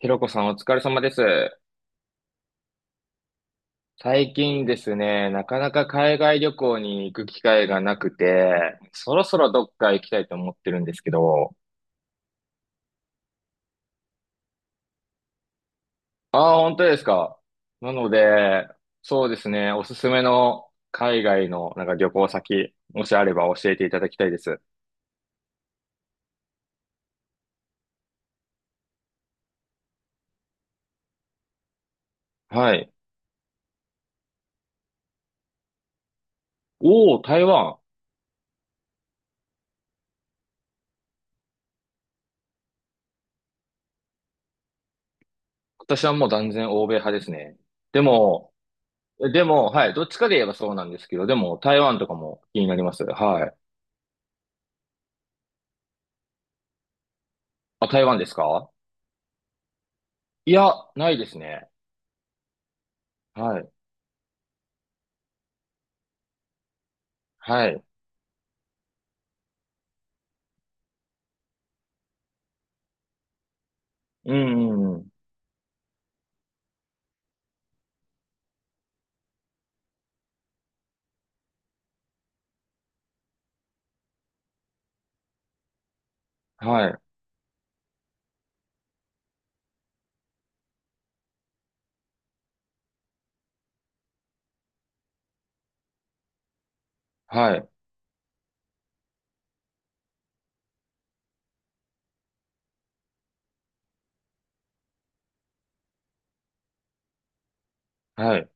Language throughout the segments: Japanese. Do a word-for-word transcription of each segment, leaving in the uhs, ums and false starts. ひろこさんお疲れ様です。最近ですね、なかなか海外旅行に行く機会がなくて、そろそろどっか行きたいと思ってるんですけど。ああ、本当ですか。なので、そうですね、おすすめの海外のなんか旅行先、もしあれば教えていただきたいです。はい。おお、台湾。私はもう断然欧米派ですね。でも、でも、はい、どっちかで言えばそうなんですけど、でも台湾とかも気になります。はい。あ、台湾ですか？いや、ないですね。はい。はい。うん、うん、うん。はい。はい。はい。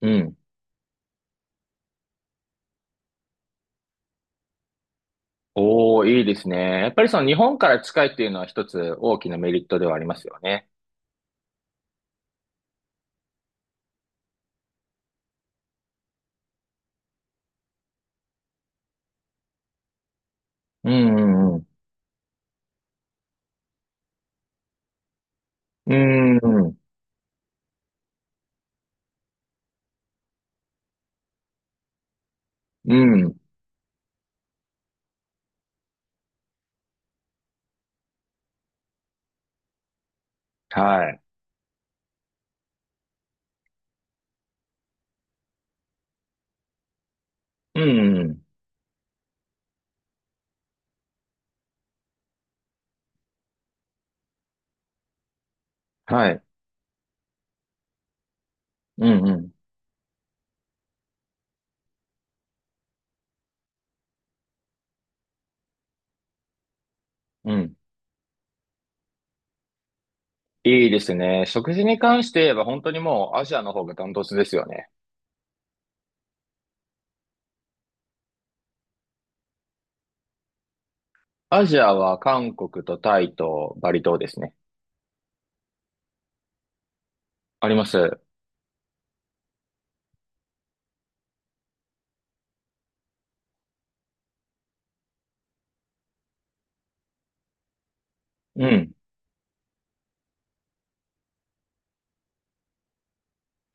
うん。おー、いいですね。やっぱりその日本から近いっていうのは一つ大きなメリットではありますよね。うん、うん、うん。うん、うん。うん、はい。うん、うん。はい。うん、うん。うん。いいですね。食事に関して言えば本当にもうアジアの方がダントツですよね。アジアは韓国とタイとバリ島ですね。あります。うん。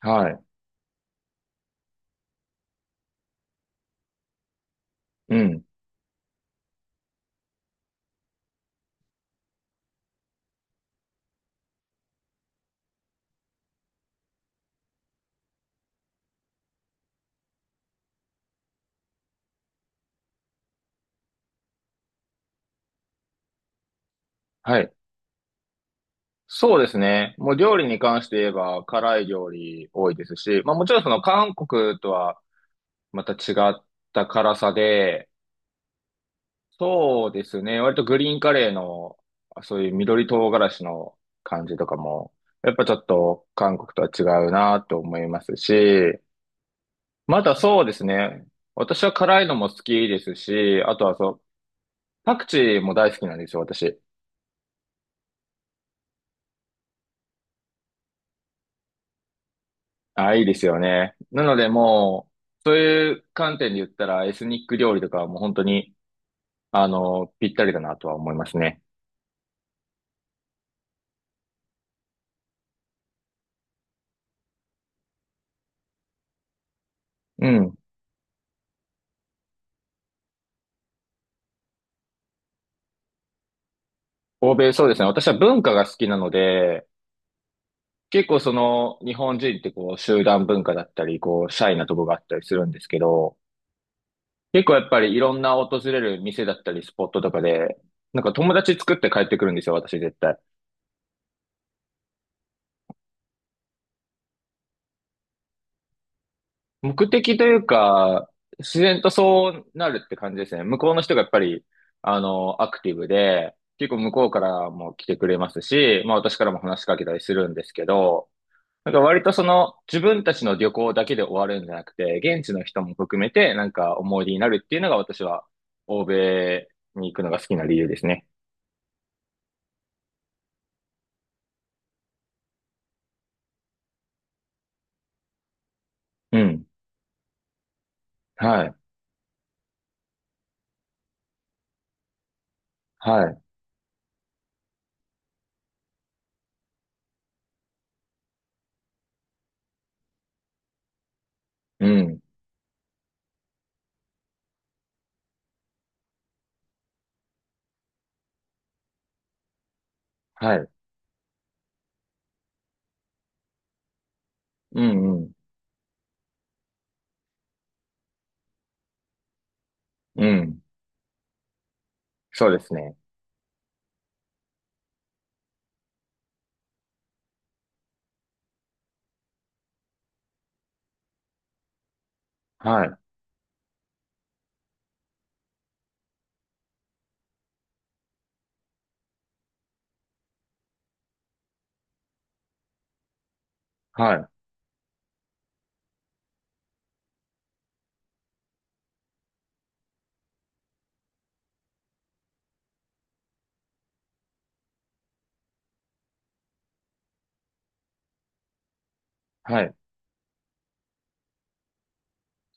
はい。うん。はい。そうですね。もう料理に関して言えば辛い料理多いですし、まあもちろんその韓国とはまた違った辛さで、そうですね。割とグリーンカレーのそういう緑唐辛子の感じとかも、やっぱちょっと韓国とは違うなと思いますし、またそうですね。私は辛いのも好きですし、あとはそう、パクチーも大好きなんですよ、私。あ、いいですよね。なのでもう、そういう観点で言ったら、エスニック料理とかはもう本当に、あの、ぴったりだなとは思いますね。うん。欧米、そうですね。私は文化が好きなので、結構その、日本人ってこう、集団文化だったり、こう、シャイなとこがあったりするんですけど、結構やっぱりいろんな訪れる店だったり、スポットとかで、なんか友達作って帰ってくるんですよ、私絶対。目的というか、自然とそうなるって感じですね。向こうの人がやっぱり、あの、アクティブで、結構向こうからも来てくれますし、まあ私からも話しかけたりするんですけど、なんか割とその自分たちの旅行だけで終わるんじゃなくて、現地の人も含めてなんか思い出になるっていうのが私は欧米に行くのが好きな理由ですね。うん。はい。はい。うん。はい。うんうん。うん。そうですね。はい。はい。はい。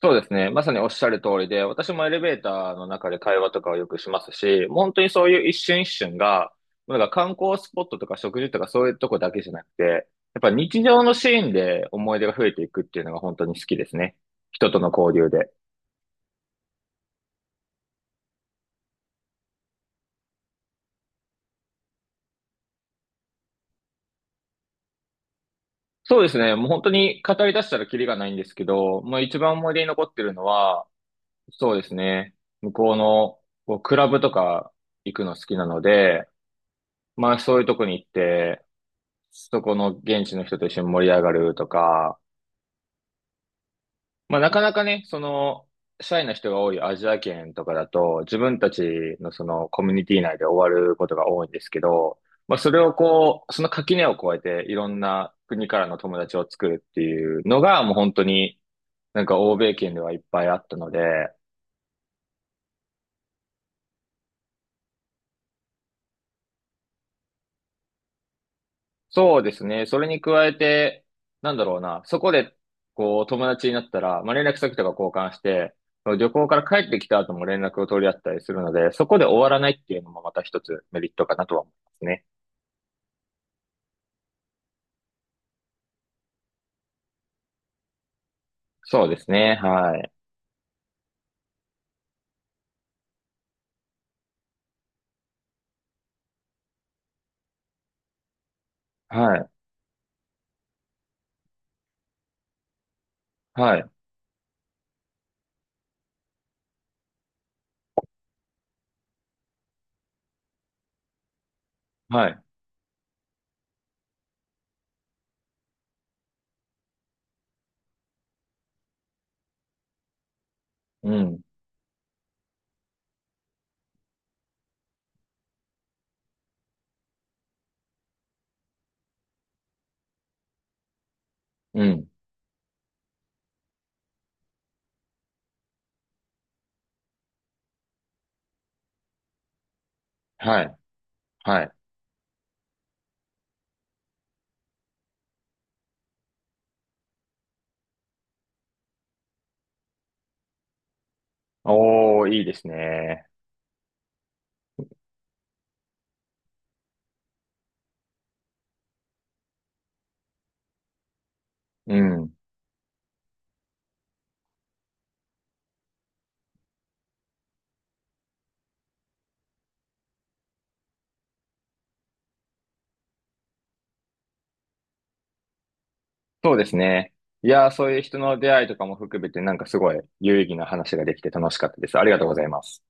そうですね。まさにおっしゃる通りで、私もエレベーターの中で会話とかをよくしますし、もう本当にそういう一瞬一瞬が、なんか観光スポットとか食事とかそういうとこだけじゃなくて、やっぱ日常のシーンで思い出が増えていくっていうのが本当に好きですね。人との交流で。そうですね。もう本当に語り出したらキリがないんですけど、まあ一番思い出に残ってるのは、そうですね。向こうのこうクラブとか行くの好きなので、まあそういうとこに行って、そこの現地の人と一緒に盛り上がるとか、まあなかなかね、その、シャイな人が多いアジア圏とかだと、自分たちのそのコミュニティ内で終わることが多いんですけど、まあそれをこう、その垣根を越えていろんな国からの友達を作るっていうのがもう本当になんか欧米圏ではいっぱいあったので、そうですね。それに加えて、なんだろうな。そこで、こう、友達になったら、まあ、連絡先とか交換して、旅行から帰ってきた後も連絡を取り合ったりするので、そこで終わらないっていうのもまた一つメリットかなとは思いますね。そうですね。はい。はい。はい。はい。うん。うん。はい。はい。おー、いいですね。うん。そうですね。いやー、そういう人の出会いとかも含めて、なんかすごい有意義な話ができて楽しかったです。ありがとうございます。